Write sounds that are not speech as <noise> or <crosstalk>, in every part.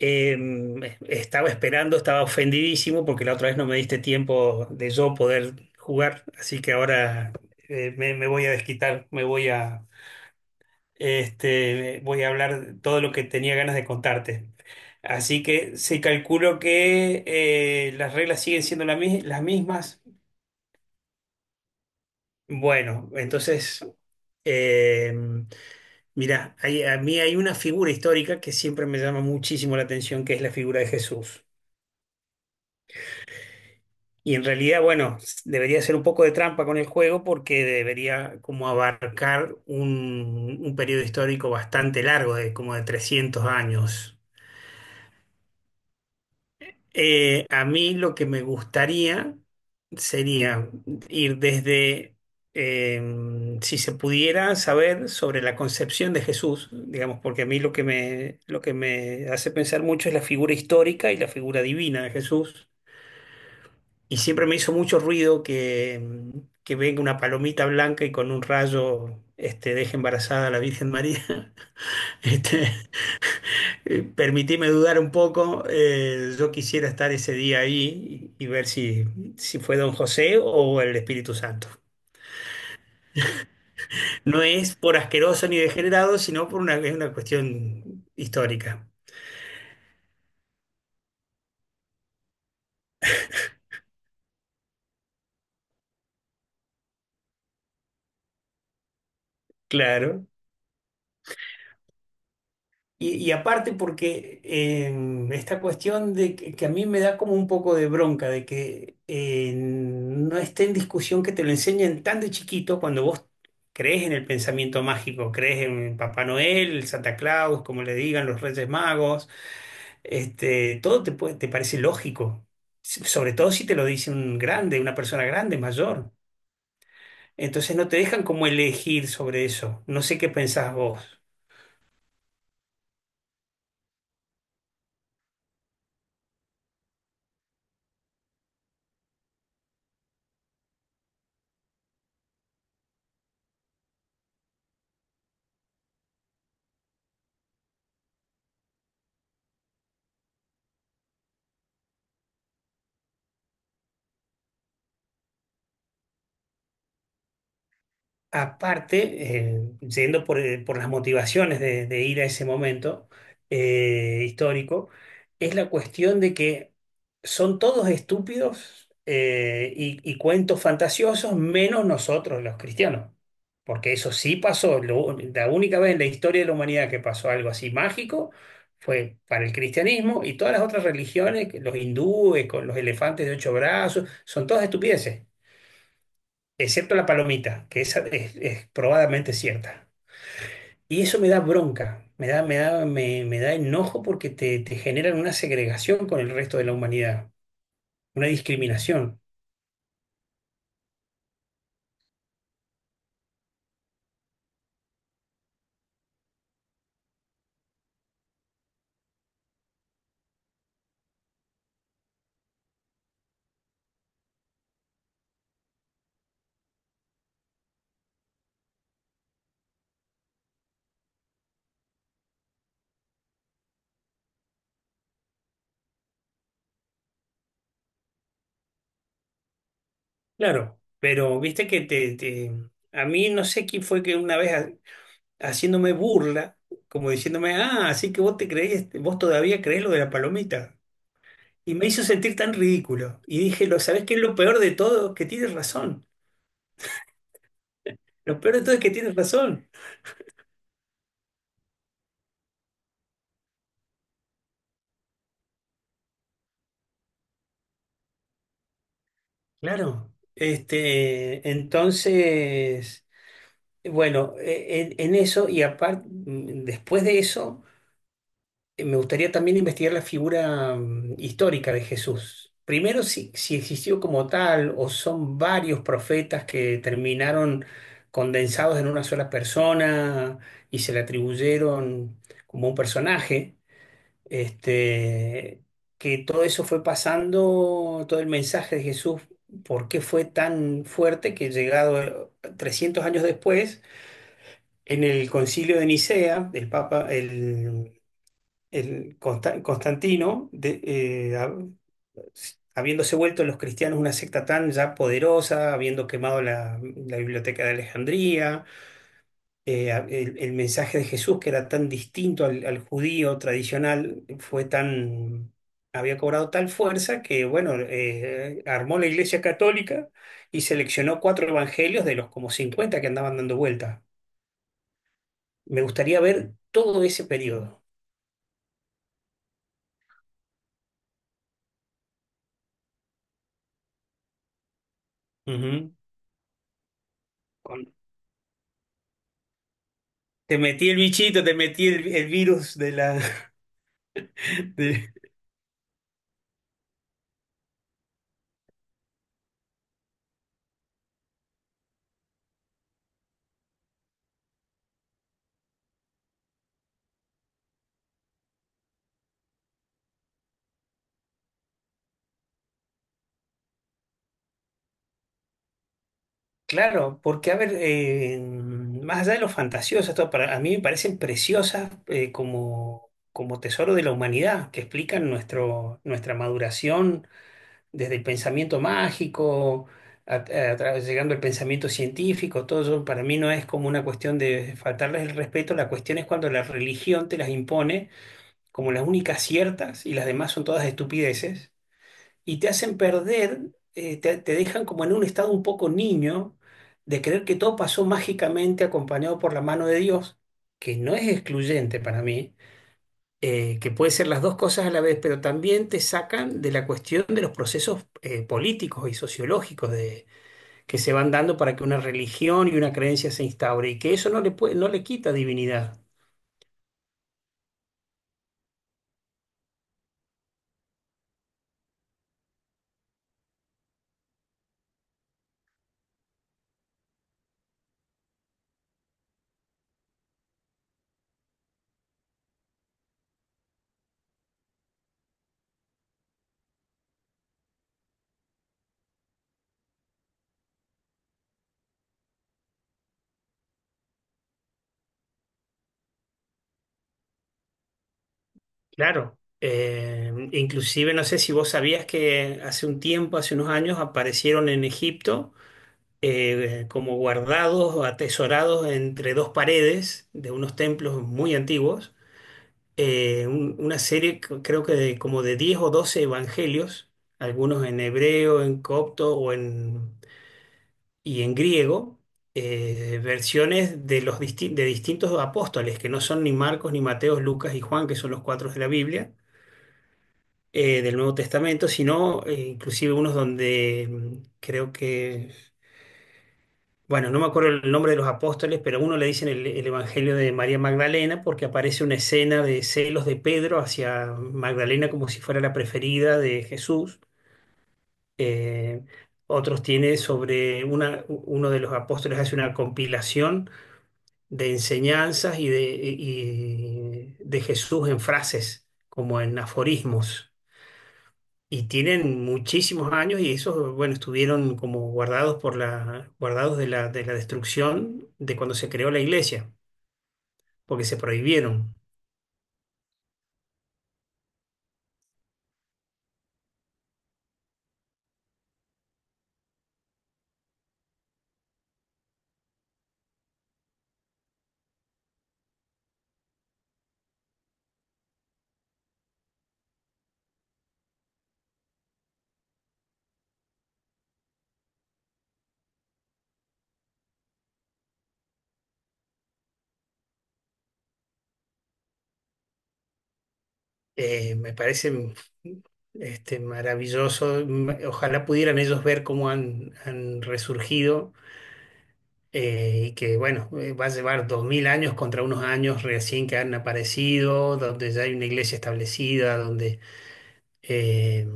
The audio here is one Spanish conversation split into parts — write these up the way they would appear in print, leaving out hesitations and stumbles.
Estaba esperando, estaba ofendidísimo porque la otra vez no me diste tiempo de yo poder jugar, así que ahora me voy a desquitar, me voy a, voy a hablar todo lo que tenía ganas de contarte. Así que se calculó que las reglas siguen siendo las mismas. Bueno, entonces, eh, mira, a mí hay una figura histórica que siempre me llama muchísimo la atención, que es la figura de Jesús. Y en realidad, bueno, debería ser un poco de trampa con el juego porque debería como abarcar un periodo histórico bastante largo, de como de 300 años. A mí lo que me gustaría sería ir desde, si se pudiera saber sobre la concepción de Jesús, digamos, porque a mí lo que me hace pensar mucho es la figura histórica y la figura divina de Jesús. Y siempre me hizo mucho ruido que venga una palomita blanca y con un rayo este, deje embarazada a la Virgen María. <laughs> Este, permitime dudar un poco. Eh, yo quisiera estar ese día ahí y ver si fue Don José o el Espíritu Santo. No es por asqueroso ni degenerado, sino por una, es una cuestión histórica. Claro. Y aparte porque esta cuestión que a mí me da como un poco de bronca, de que no esté en discusión que te lo enseñen tan de chiquito cuando vos crees en el pensamiento mágico, crees en Papá Noel, Santa Claus, como le digan, los Reyes Magos, te parece lógico, s sobre todo si te lo dice un grande, una persona grande, mayor. Entonces no te dejan como elegir sobre eso. No sé qué pensás vos. Aparte, yendo por las motivaciones de ir a ese momento histórico, es la cuestión de que son todos estúpidos y cuentos fantasiosos, menos nosotros los cristianos. Porque eso sí pasó. La única vez en la historia de la humanidad que pasó algo así mágico fue para el cristianismo y todas las otras religiones, que los hindúes con los elefantes de 8 brazos, son todas estupideces excepto la palomita, que esa es probadamente cierta. Y eso me da bronca, me da enojo porque te generan una segregación con el resto de la humanidad, una discriminación. Claro, pero viste a mí no sé quién fue que una vez haciéndome burla, como diciéndome, ah, así que vos te creés, vos todavía creés lo de la palomita. Y me hizo sentir tan ridículo. Y dije, lo, ¿sabés qué es lo peor de todo? Que tienes razón. Lo peor de todo es que tienes razón. Claro, entonces, bueno, en eso y aparte, después de eso, me gustaría también investigar la figura histórica de Jesús. Primero, si existió como tal o son varios profetas que terminaron condensados en una sola persona y se le atribuyeron como un personaje. Este, que todo eso fue pasando, todo el mensaje de Jesús, por qué fue tan fuerte que llegado 300 años después, en el concilio de Nicea, el Papa, el Constantino, habiéndose vuelto los cristianos una secta tan ya poderosa, habiendo quemado la biblioteca de Alejandría, el mensaje de Jesús, que era tan distinto al judío tradicional, había cobrado tal fuerza que, bueno, armó la Iglesia Católica y seleccionó cuatro evangelios de los como 50 que andaban dando vuelta. Me gustaría ver todo ese periodo. Ujú. Con- Te metí el bichito, te metí el virus de la… <laughs> de-. Claro, porque a ver, más allá de lo fantasioso, esto para, a mí me parecen preciosas como, como tesoro de la humanidad, que explican nuestro, nuestra maduración desde el pensamiento mágico, llegando al pensamiento científico, todo eso para mí no es como una cuestión de faltarles el respeto, la cuestión es cuando la religión te las impone como las únicas ciertas y las demás son todas estupideces y te hacen perder, te dejan como en un estado un poco niño de creer que todo pasó mágicamente acompañado por la mano de Dios, que no es excluyente para mí, que puede ser las dos cosas a la vez, pero también te sacan de la cuestión de los procesos políticos y sociológicos de, que se van dando para que una religión y una creencia se instaure y que eso no le puede, no le quita divinidad. Claro. Inclusive no sé si vos sabías que hace un tiempo, hace unos años, aparecieron en Egipto como guardados o atesorados entre dos paredes de unos templos muy antiguos, una serie creo que de, como de 10 o 12 evangelios, algunos en hebreo, en copto y en griego, versiones de, de distintos apóstoles, que no son ni Marcos, ni Mateos, Lucas y Juan, que son los cuatro de la Biblia, del Nuevo Testamento, sino inclusive unos donde creo que, bueno, no me acuerdo el nombre de los apóstoles, pero a uno le dicen el Evangelio de María Magdalena porque aparece una escena de celos de Pedro hacia Magdalena como si fuera la preferida de Jesús. Eh, otros tiene sobre una, uno de los apóstoles hace una compilación de enseñanzas y de Jesús en frases, como en aforismos. Y tienen muchísimos años y esos, bueno, estuvieron como guardados por la, guardados de la destrucción de cuando se creó la iglesia, porque se prohibieron. Me parece maravilloso. M- Ojalá pudieran ellos ver cómo han resurgido y que, bueno, va a llevar 2000 años contra unos años recién que han aparecido, donde ya hay una iglesia establecida, donde… Eh,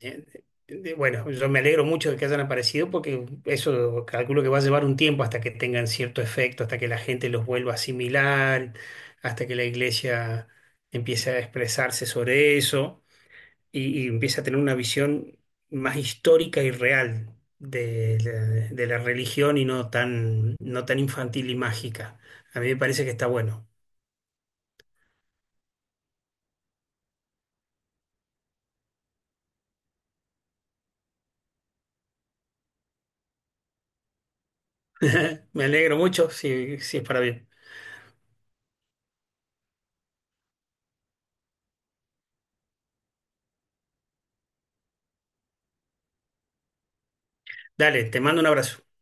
eh, bueno, yo me alegro mucho de que hayan aparecido porque eso calculo que va a llevar un tiempo hasta que tengan cierto efecto, hasta que la gente los vuelva a asimilar, hasta que la iglesia empiece a expresarse sobre eso y empiece a tener una visión más histórica y real de la religión y no tan, no tan infantil y mágica. A mí me parece que está bueno. <laughs> Me alegro mucho si es para bien. Dale, te mando un abrazo.